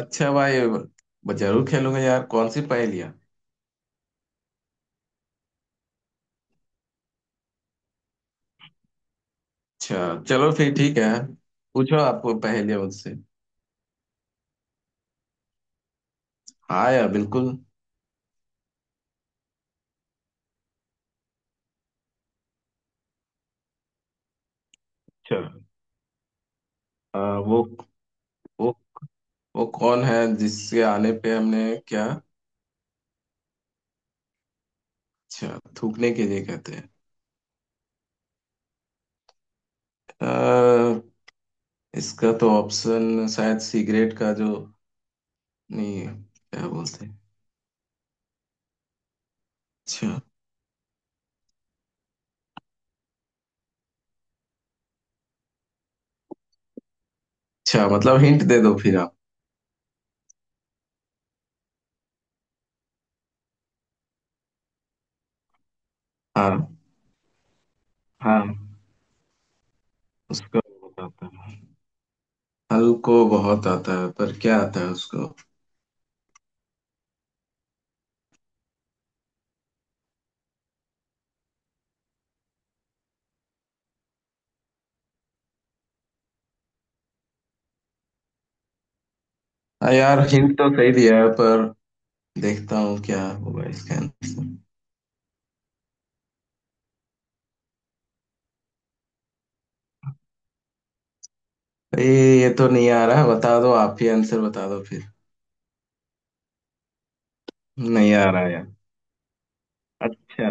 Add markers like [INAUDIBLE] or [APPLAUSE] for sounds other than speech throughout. अच्छा भाई, जरूर खेलूंगा यार। कौन सी पहेलियाँ? अच्छा, चलो फिर ठीक है। पूछो, आपको पहेलियाँ मुझसे। हाँ यार, बिल्कुल। चलो। आ, वो वो कौन है जिसके आने पे हमने क्या? अच्छा, थूकने के लिए कहते हैं। आ, इसका तो ऑप्शन शायद सिगरेट का जो नहीं है। क्या बोलते हैं? अच्छा अच्छा मतलब हिंट दे दो फिर आप। हाँ। हाँ, उसका बहुत आता है। हल को बहुत आता है, पर क्या आता है उसको? हाँ यार, हिंट तो सही दिया है, पर देखता हूँ क्या होगा इसका आंसर। ये ये तो नहीं आ रहा। बता दो, आप ही आंसर बता दो फिर। नहीं आ रहा यार। अच्छा।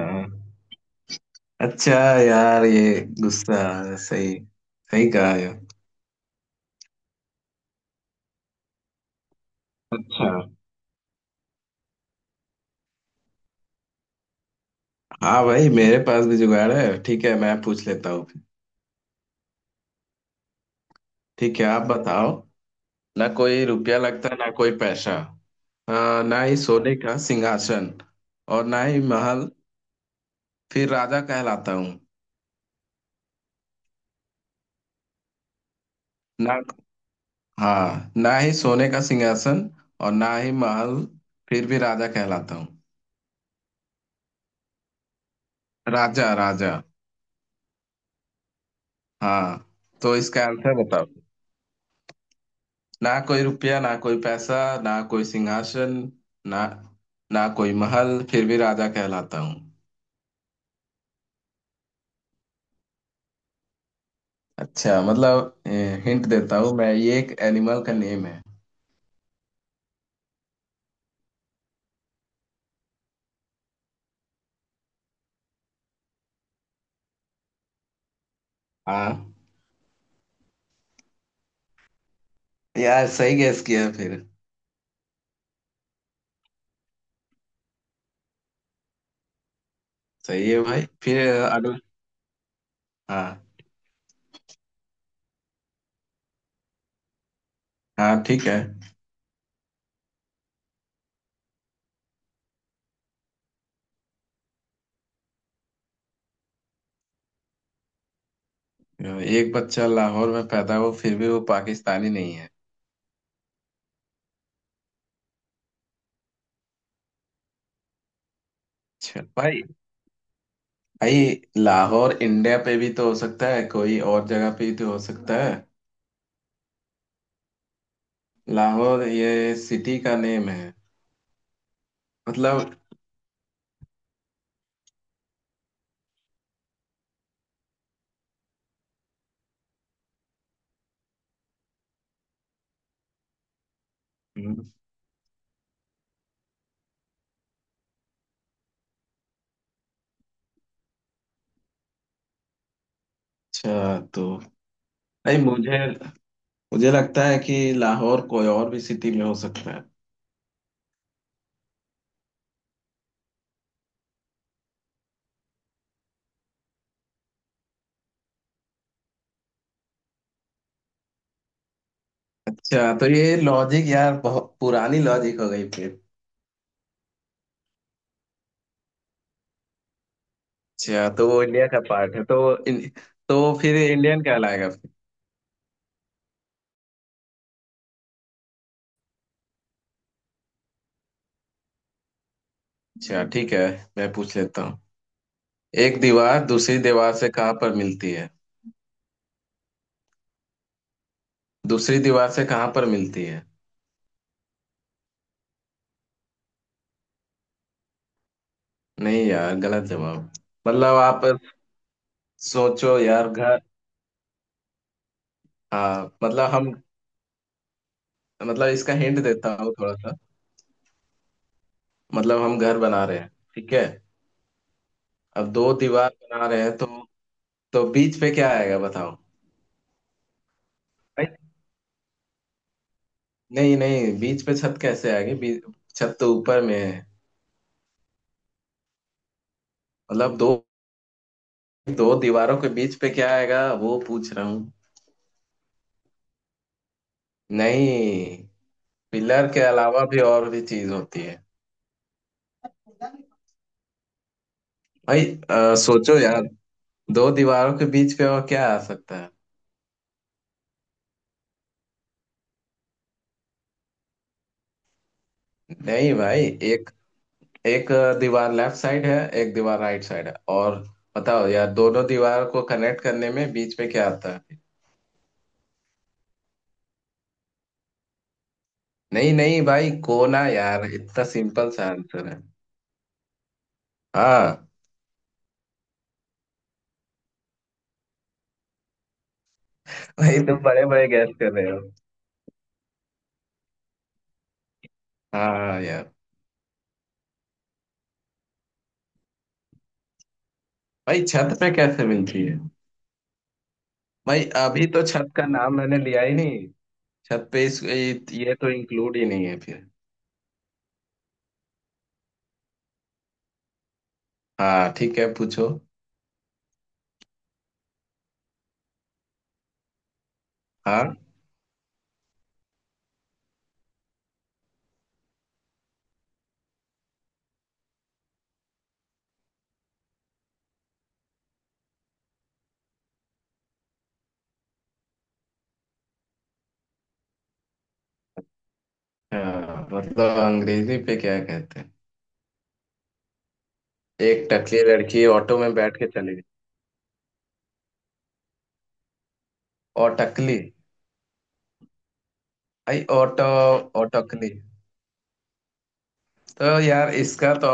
अच्छा यार, ये गुस्सा, सही। सही कहा यार। अच्छा। हाँ भाई, मेरे पास भी जुगाड़ है, ठीक है, मैं पूछ लेता हूँ फिर। ठीक है, आप बताओ। ना कोई रुपया लगता है, ना कोई पैसा। ना ही सोने का सिंहासन, और ना ही महल। फिर राजा कहलाता हूँ। ना। हाँ, ना ही सोने का सिंहासन और ना ही महल। फिर भी राजा कहलाता हूँ। राजा राजा। हाँ, तो इसका आंसर बताओ। ना कोई रुपया, ना कोई पैसा, ना कोई सिंहासन, ना, ना कोई महल, फिर भी राजा कहलाता हूँ। अच्छा मतलब, हिंट देता हूँ मैं। ये एक एनिमल का नेम है। हाँ यार, सही गैस किया फिर। सही है भाई, फिर अगला। हाँ। हाँ ठीक है। एक बच्चा लाहौर में पैदा हो फिर भी वो पाकिस्तानी नहीं है? चल भाई, भाई, लाहौर इंडिया पे भी तो हो सकता है, कोई और जगह पे भी तो हो सकता है। लाहौर ये सिटी का नेम है। मतलब। हम्म। अच्छा तो, भाई मुझे मुझे लगता है कि लाहौर कोई और भी सिटी में हो सकता है। अच्छा तो ये लॉजिक यार, बहुत पुरानी लॉजिक हो गई फिर। अच्छा तो वो इंडिया का पार्ट है तो इन, तो फिर इंडियन कहलाएगा फिर। अच्छा ठीक है, मैं पूछ लेता हूँ। एक दीवार दूसरी दीवार से कहाँ पर मिलती है? दूसरी दीवार से कहाँ पर मिलती है? नहीं यार, गलत जवाब। मतलब आप सोचो यार, घर। हाँ मतलब हम, मतलब इसका हिंट देता हूँ थोड़ा सा। मतलब हम घर बना रहे हैं, ठीक है? अब दो दीवार बना रहे हैं, तो बीच पे क्या आएगा बताओ? भाई, नहीं नहीं, बीच पे छत कैसे आएगी? बीच, छत तो ऊपर में है। मतलब दो दो दीवारों के बीच पे क्या आएगा, वो पूछ रहा हूँ। नहीं, पिलर के अलावा भी और भी चीज होती है। भाई सोचो यार, दो दीवारों के बीच पे और क्या आ सकता है? नहीं भाई। एक एक दीवार लेफ्ट साइड है, एक दीवार राइट साइड है, और बताओ यार, दोनों दीवार को कनेक्ट करने में बीच में क्या आता है? नहीं नहीं भाई, कोना यार, इतना सिंपल सा आंसर है। हाँ। भाई, तुम बड़े बड़े गैस कर रहे हो। हाँ यार, भाई छत पे कैसे मिलती है? भाई अभी तो छत का नाम मैंने लिया ही नहीं। छत पे इस, ये तो इंक्लूड ही नहीं है फिर। हाँ ठीक है, पूछो। हाँ। हाँ, मतलब अंग्रेजी पे क्या कहते हैं? एक टकली लड़की ऑटो में बैठ के चली गई, और टकली। आई ऑटो, और टकली। तो यार इसका तो,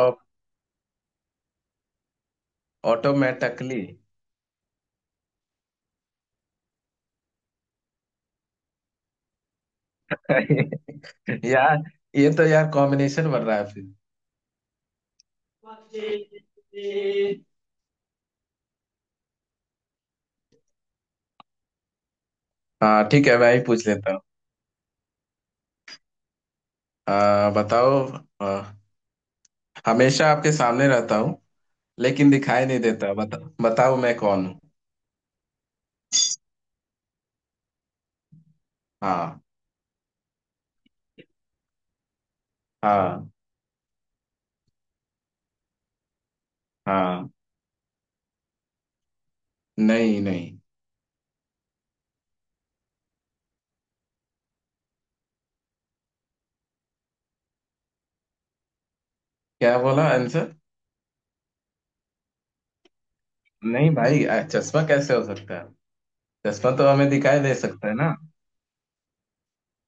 ऑटो में टकली। [LAUGHS] यार ये तो यार कॉम्बिनेशन बन रहा है फिर। हाँ ठीक है, मैं ही पूछ लेता हूँ। बताओ। आ, हमेशा आपके सामने रहता हूँ, लेकिन दिखाई नहीं देता। बताओ मैं कौन हूँ? हाँ। हाँ। हाँ। नहीं नहीं। क्या बोला आंसर? नहीं भाई, चश्मा कैसे हो सकता है? चश्मा तो हमें दिखाई दे सकता है ना।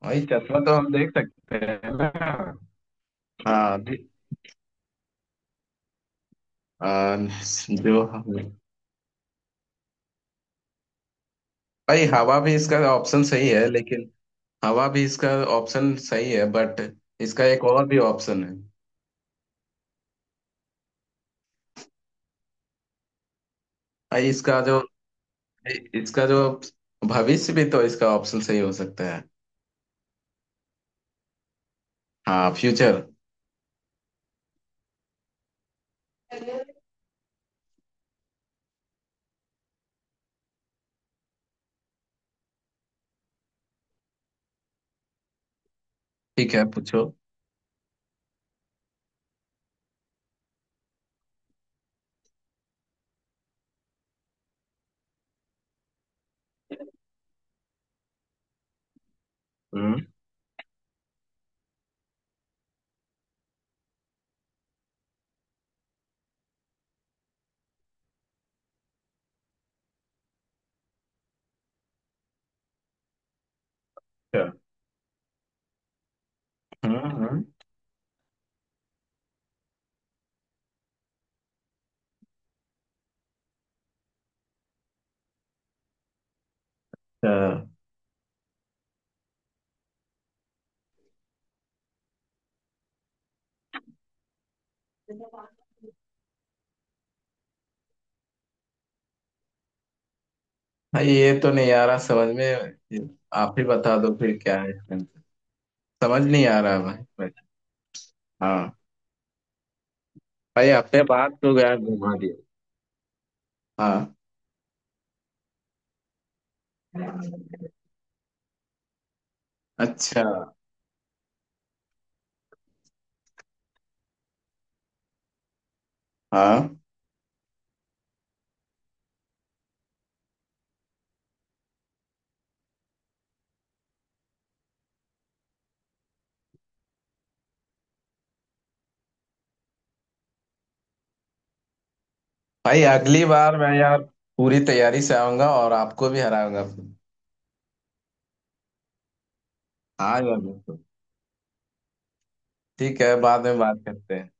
वही चश्मा तो हम देख सकते हैं ना। हाँ, आ, जो। भाई हवा भी इसका ऑप्शन सही है, लेकिन हवा भी इसका ऑप्शन सही है बट इसका एक और भी ऑप्शन है। भाई इसका जो भविष्य भी तो इसका ऑप्शन सही हो सकता है। हाँ, फ्यूचर। ठीक है, पूछो। हम्म। अच्छा। हम्म। अच्छा। भाई ये तो नहीं आ रहा समझ में, आप ही बता दो फिर क्या है। समझ नहीं आ रहा भाई, भाई। हाँ। भाई अपने [LAUGHS] बात तो यार घुमा दिया। हाँ। अच्छा। हाँ भाई, अगली बार मैं यार पूरी तैयारी से आऊंगा और आपको भी हराऊंगा। हाँ यार, बिल्कुल। ठीक है, बाद में बात करते हैं।